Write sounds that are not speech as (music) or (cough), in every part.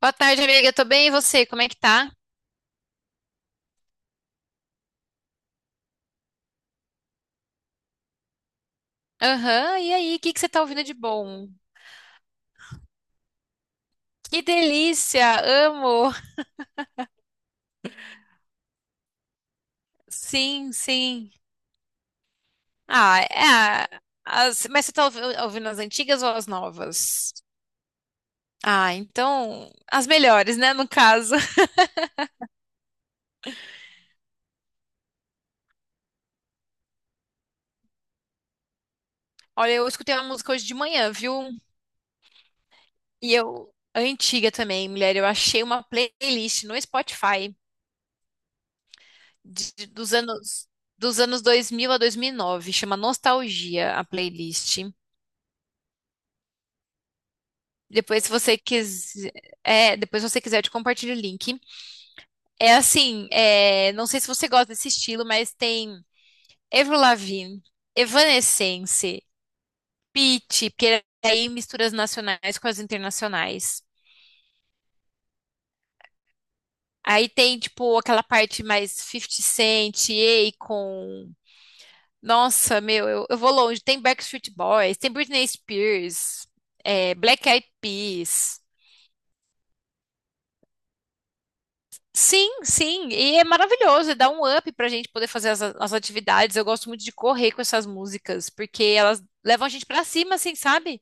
Boa tarde, amiga. Tô bem, e você? Como é que tá? Aham, e aí? O que que você tá ouvindo de bom? Que delícia! Amo! Sim, sim. Ah, é. Mas você tá ouvindo as antigas ou as novas? Ah, então. As melhores, né? No caso. (laughs) Olha, eu escutei uma música hoje de manhã, viu? E eu. Antiga também, mulher. Eu achei uma playlist no Spotify dos anos. Dos anos 2000 a 2009, chama Nostalgia, a playlist. Depois, se você quiser, depois se você quiser, eu te compartilho o link. É assim, não sei se você gosta desse estilo, mas tem Avril Lavigne, Evanescence, Pitty, porque aí mistura as nacionais com as internacionais. Aí tem, tipo, aquela parte mais Fifty Cent, Akon. Nossa, meu, eu vou longe. Tem Backstreet Boys, tem Britney Spears, Black Eyed Peas. Sim, sim, e é maravilhoso, e dá um up pra gente poder fazer as atividades. Eu gosto muito de correr com essas músicas, porque elas levam a gente pra cima, assim, sabe?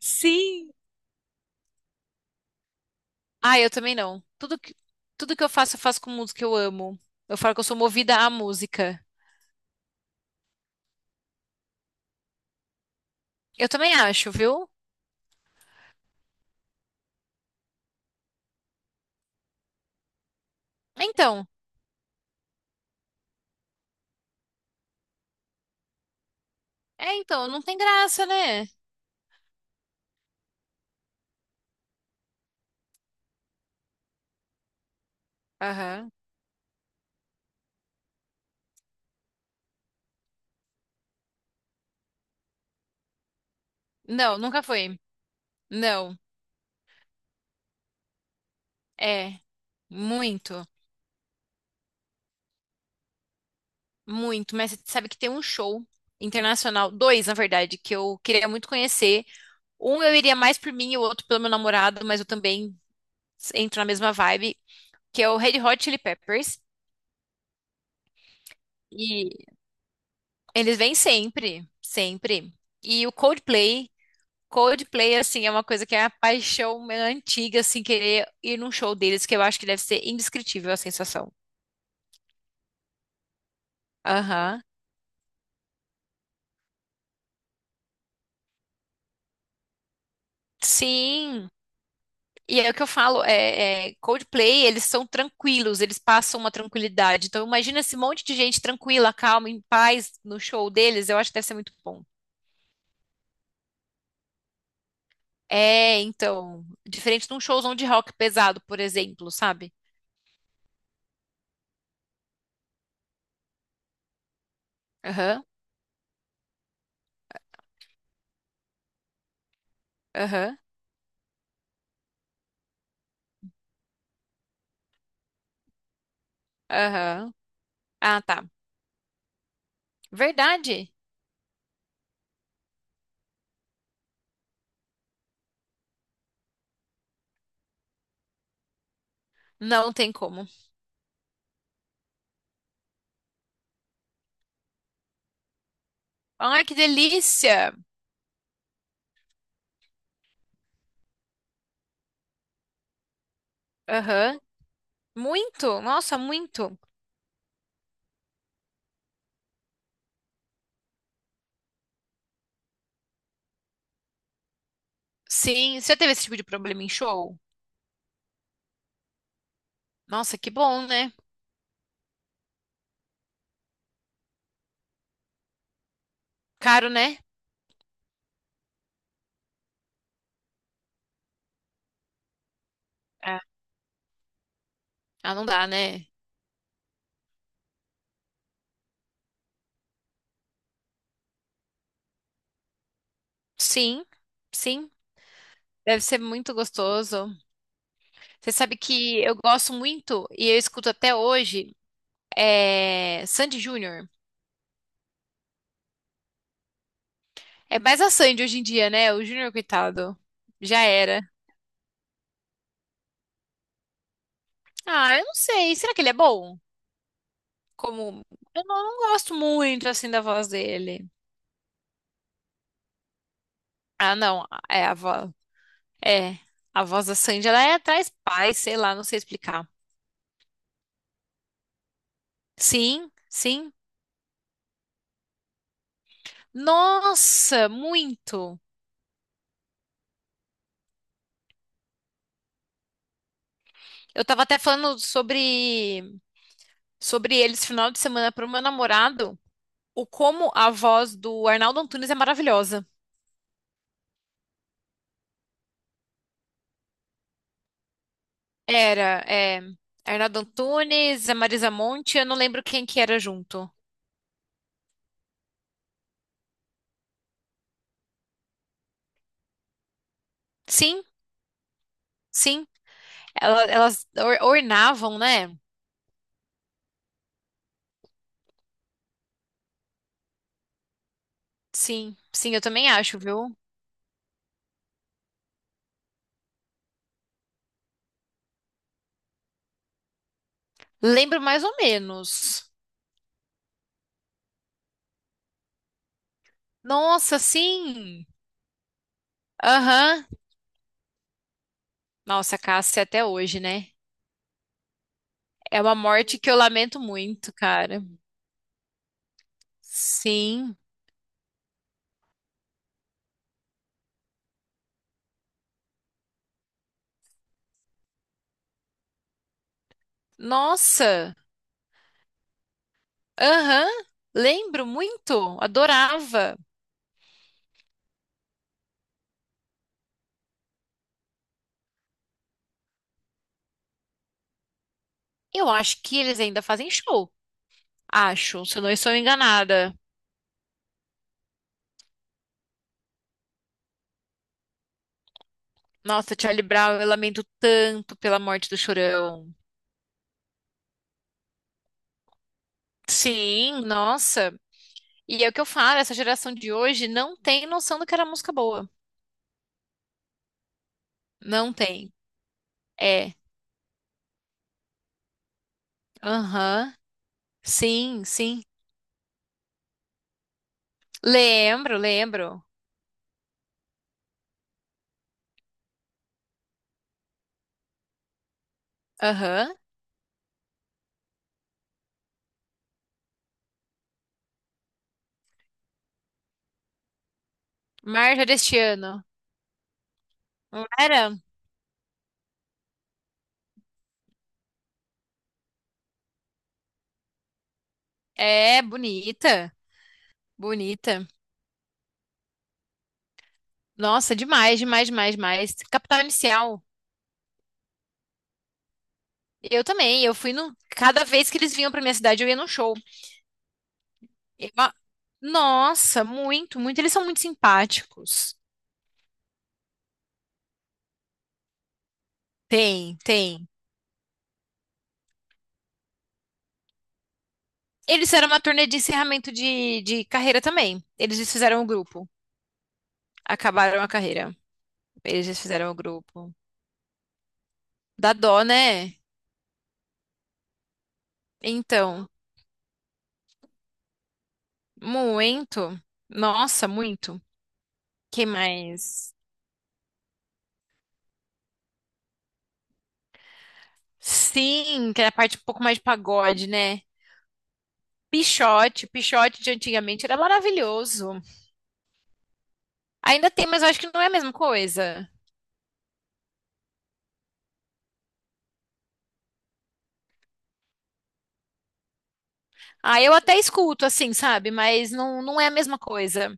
Sim. Ah, eu também não. Tudo que eu faço com música que eu amo. Eu falo que eu sou movida à música. Eu também acho, viu? Então, não tem graça, né? Aham. Não, nunca foi. Não, é, muito, muito. Mas você sabe que tem um show internacional, dois, na verdade, que eu queria muito conhecer. Um eu iria mais por mim e o outro pelo meu namorado, mas eu também entro na mesma vibe, que é o Red Hot Chili Peppers. E eles vêm sempre, sempre. E o Coldplay, Coldplay, assim, é uma coisa que é a paixão minha antiga, assim, querer ir num show deles, que eu acho que deve ser indescritível a sensação. Aham. Sim, e é o que eu falo, Coldplay, eles são tranquilos, eles passam uma tranquilidade. Então imagina esse monte de gente tranquila, calma, em paz no show deles, eu acho que deve ser muito bom. É, então, diferente de um showzão de rock pesado, por exemplo, sabe? Aham, aham, aham. Ah, tá. Verdade. Não tem como. Ai, que delícia. Aham. Muito, nossa, muito. Sim, você já teve esse tipo de problema em show? Nossa, que bom, né? Caro, né? É. Ah, não dá, né? Sim, sim. Deve ser muito gostoso. Você sabe que eu gosto muito e eu escuto até hoje Sandy Júnior. É mais a Sandy hoje em dia, né? O Junior coitado. Já era. Ah, eu não sei. Será que ele é bom? Como. Eu não, não gosto muito, assim, da voz dele. Ah, não. É a voz. É. A voz da Sandy, ela é atrás paz, sei lá, não sei explicar. Sim, sim. Nossa, muito. Eu tava até falando sobre sobre eles final de semana pro meu namorado, o como a voz do Arnaldo Antunes é maravilhosa. Era, é, Arnaldo Antunes, a Marisa Monte, eu não lembro quem que era junto. Sim, sim. Elas, ornavam, né? Sim, sim, eu também acho, viu? Lembro mais ou menos. Nossa, sim. Aham. Nossa, Cássia até hoje, né? É uma morte que eu lamento muito, cara. Sim. Nossa. Aham. Lembro muito. Adorava. Eu acho que eles ainda fazem show. Acho, se eu não estou enganada. Nossa, Charlie Brown, eu lamento tanto pela morte do Chorão. Sim, nossa. E é o que eu falo, essa geração de hoje não tem noção do que era música boa. Não tem. É. Aham. Sim, sim. Lembro, lembro. Aham. Marja deste ano. Não era? É, bonita. Bonita. Nossa, demais, demais, demais, demais. Capital Inicial. Eu também. Eu fui no. Cada vez que eles vinham pra minha cidade, eu ia num show. Eu a- Nossa, muito, muito. Eles são muito simpáticos. Tem, tem. Eles fizeram uma turnê de encerramento de carreira também. Eles desfizeram o grupo. Acabaram a carreira. Eles desfizeram o grupo. Dá dó, né? Então, muito. Nossa, muito. Quem mais? Sim, que é a parte um pouco mais de pagode, né? Pichote de antigamente era maravilhoso. Ainda tem, mas eu acho que não é a mesma coisa. Ah, eu até escuto, assim, sabe? Mas não, não é a mesma coisa.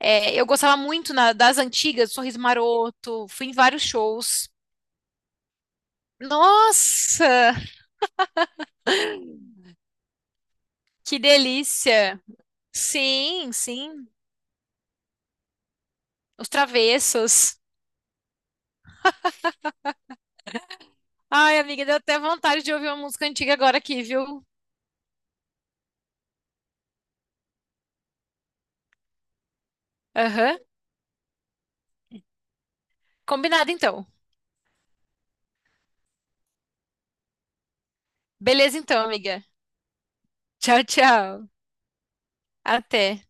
É, eu gostava muito das antigas, Sorriso Maroto, fui em vários shows. Nossa, que delícia! Sim, sim, os Travessos. Ai, amiga, deu até vontade de ouvir uma música antiga agora aqui, viu? Aham. Combinado, então. Beleza, então, amiga. Tchau, tchau. Até.